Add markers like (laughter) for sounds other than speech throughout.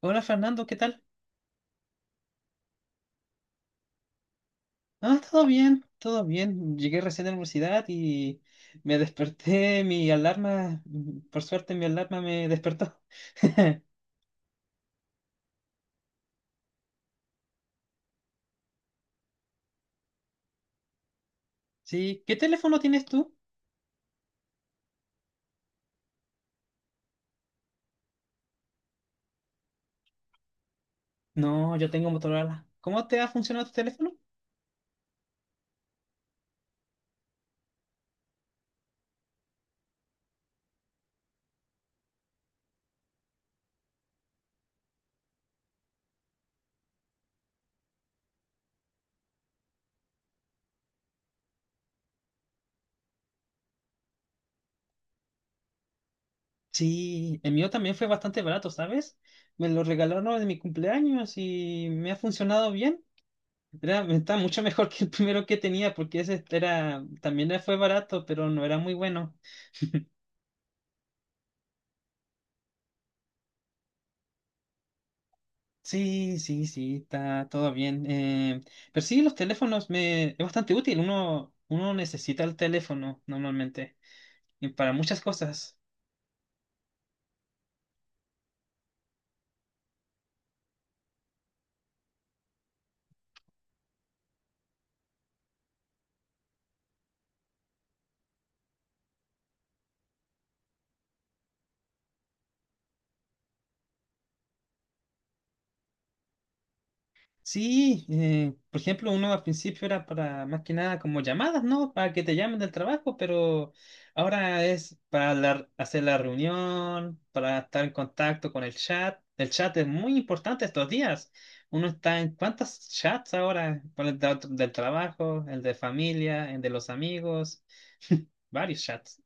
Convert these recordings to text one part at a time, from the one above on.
Hola Fernando, ¿qué tal? Ah, todo bien, todo bien. Llegué recién a la universidad y me desperté, mi alarma, por suerte mi alarma me despertó. (laughs) Sí, ¿qué teléfono tienes tú? No, yo tengo Motorola. ¿Cómo te ha funcionado tu teléfono? Sí, el mío también fue bastante barato, ¿sabes? Me lo regalaron en mi cumpleaños y me ha funcionado bien. Era, está mucho mejor (laughs) que el primero que tenía porque ese era, también fue barato, pero no era muy bueno. Sí, sí, sí, está todo bien. Pero sí, los teléfonos me, es bastante útil. Uno necesita el teléfono normalmente y para muchas cosas. Sí, por ejemplo, uno al principio era para más que nada como llamadas, ¿no? Para que te llamen del trabajo, pero ahora es para hacer la reunión, para estar en contacto con el chat. El chat es muy importante estos días. Uno está en cuántos chats ahora, por del trabajo, el de familia, el de los amigos, varios chats.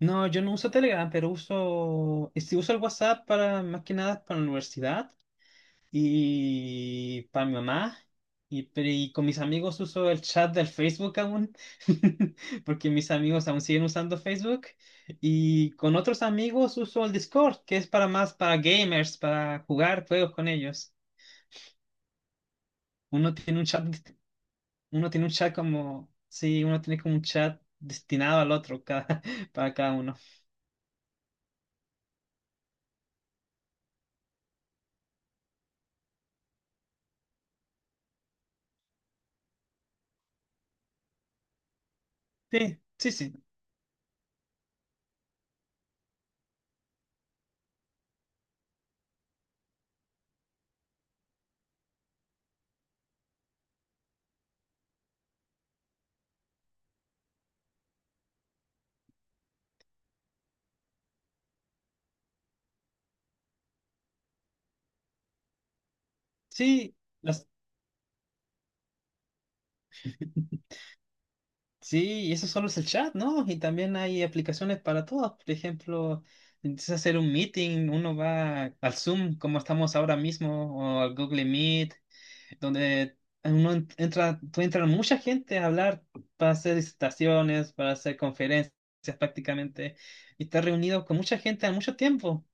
No, yo no uso Telegram, pero uso, y si uso el WhatsApp para más que nada para la universidad, y para mi mamá. Y, y con mis amigos uso el chat del Facebook aún, (laughs) porque mis amigos aún siguen usando Facebook. Y con otros amigos uso el Discord, que es para más para gamers, para jugar juegos con ellos. Uno tiene un chat, (laughs) uno tiene un chat como, sí, uno tiene como un chat destinado al otro cada, (laughs) para cada uno. Sí, sí, sí. Sí, las- (laughs) Sí, y eso solo es el chat, ¿no? Y también hay aplicaciones para todas. Por ejemplo, empiezas a hacer un meeting, uno va al Zoom, como estamos ahora mismo, o al Google Meet, donde uno entra, tú entra mucha gente a hablar para hacer disertaciones, para hacer conferencias prácticamente, y estás reunido con mucha gente a mucho tiempo.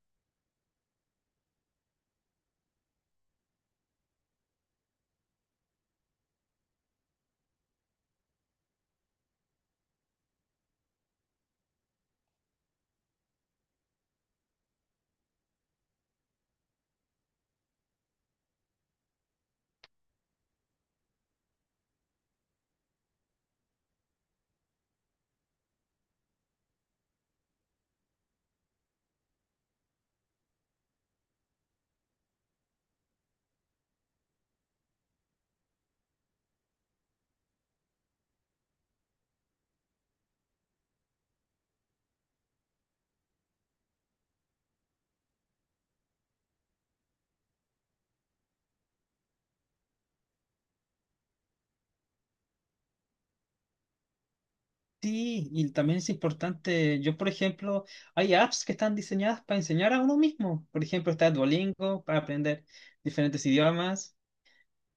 Sí, y también es importante, yo por ejemplo, hay apps que están diseñadas para enseñar a uno mismo. Por ejemplo, está Duolingo para aprender diferentes idiomas.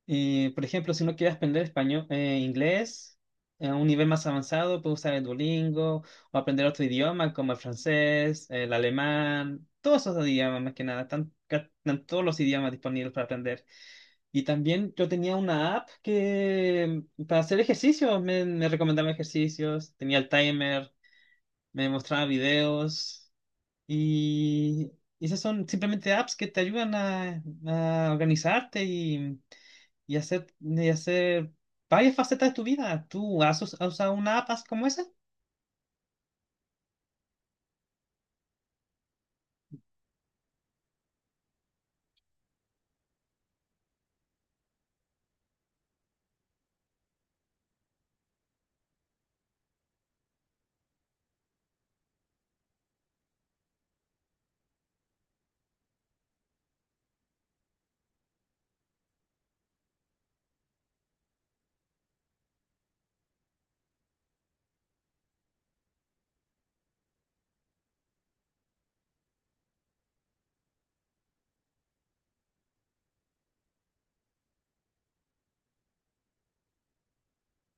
Por ejemplo, si uno quiere aprender español, inglés a un nivel más avanzado, puede usar el Duolingo o aprender otro idioma como el francés, el alemán, todos esos idiomas más que nada, están, están todos los idiomas disponibles para aprender. Y también yo tenía una app que para hacer ejercicios, me recomendaba ejercicios, tenía el timer, me mostraba videos. Y esas son simplemente apps que te ayudan a organizarte y hacer varias facetas de tu vida. ¿Tú has, has usado una app como esa?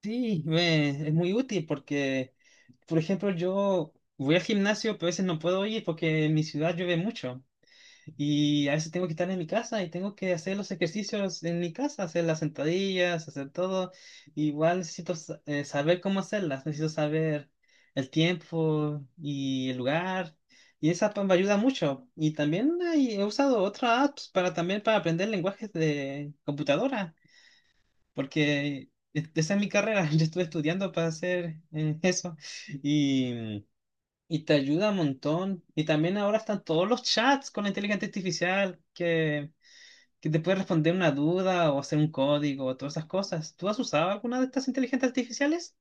Sí, es muy útil porque, por ejemplo, yo voy al gimnasio, pero a veces no puedo ir porque en mi ciudad llueve mucho. Y a veces tengo que estar en mi casa y tengo que hacer los ejercicios en mi casa, hacer las sentadillas, hacer todo. Igual necesito saber cómo hacerlas, necesito saber el tiempo y el lugar. Y esa app me ayuda mucho. Y también he usado otras apps para también para aprender lenguajes de computadora, porque esa es mi carrera. (laughs) Yo estuve estudiando para hacer eso. Y te ayuda un montón. Y también ahora están todos los chats con la inteligencia artificial que te puede responder una duda o hacer un código o todas esas cosas. ¿Tú has usado alguna de estas inteligencias artificiales?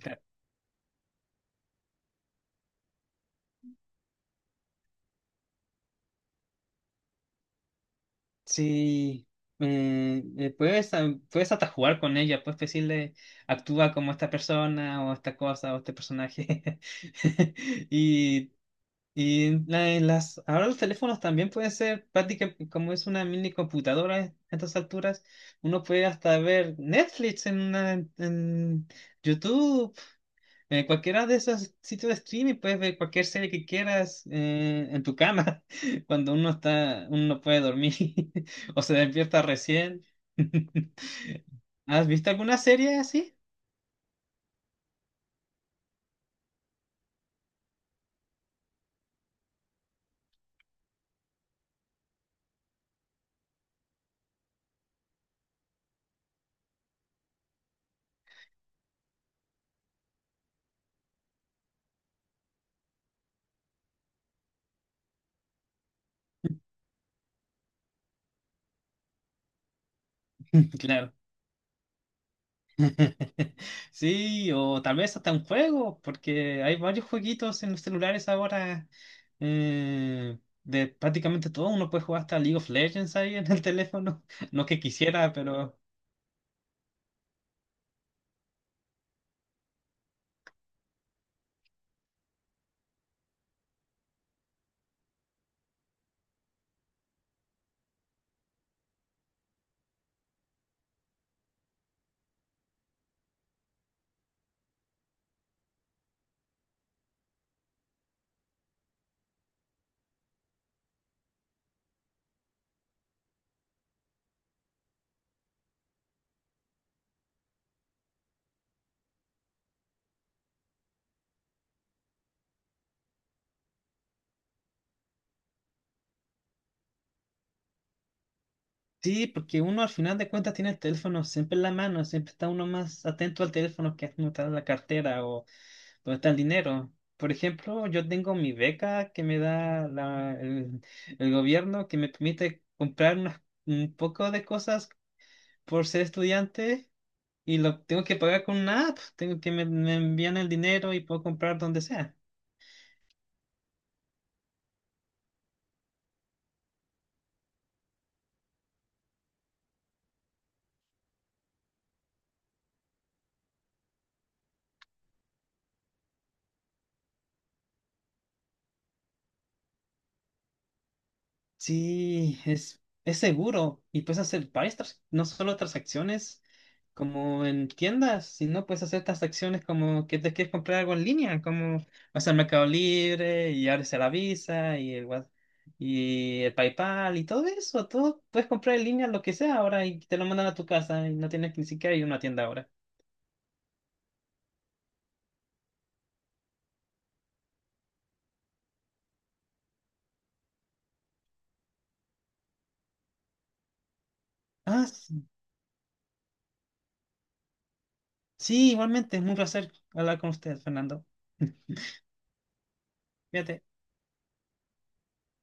Ca- Sí. Puedes, ah, puedes hasta jugar con ella, puedes decirle, actúa como esta persona o esta cosa o este personaje. (laughs) Y y en en las, ahora los teléfonos también pueden ser prácticamente como es una mini computadora a estas alturas, uno puede hasta ver Netflix en, en YouTube, en cualquiera de esos sitios de streaming, puedes ver cualquier serie que quieras en tu cama, (laughs) cuando uno está, uno no puede dormir (laughs) o se despierta recién. (laughs) ¿Has visto alguna serie así? (laughs) Claro. (laughs) Sí, o tal vez hasta un juego, porque hay varios jueguitos en los celulares ahora. eh, de prácticamente todo, uno puede jugar hasta League of Legends ahí en el teléfono. (laughs) No que quisiera, pero sí, porque uno al final de cuentas tiene el teléfono siempre en la mano, siempre está uno más atento al teléfono que uno está en la cartera o donde está el dinero. Por ejemplo, yo tengo mi beca que me da el gobierno que me permite comprar un poco de cosas por ser estudiante y lo tengo que pagar con una app. Tengo que me envían el dinero y puedo comprar donde sea. Sí, es seguro y puedes hacer varias, no solo transacciones como en tiendas, sino puedes hacer transacciones como que te quieres comprar algo en línea, como vas al Mercado Libre y abres la Visa y el, y el PayPal y todo eso. Todo puedes comprar en línea lo que sea ahora y te lo mandan a tu casa y no tienes que ni siquiera ir a una tienda ahora. Ah, sí, igualmente, es un placer hablar con usted, Fernando. (laughs) Fíjate.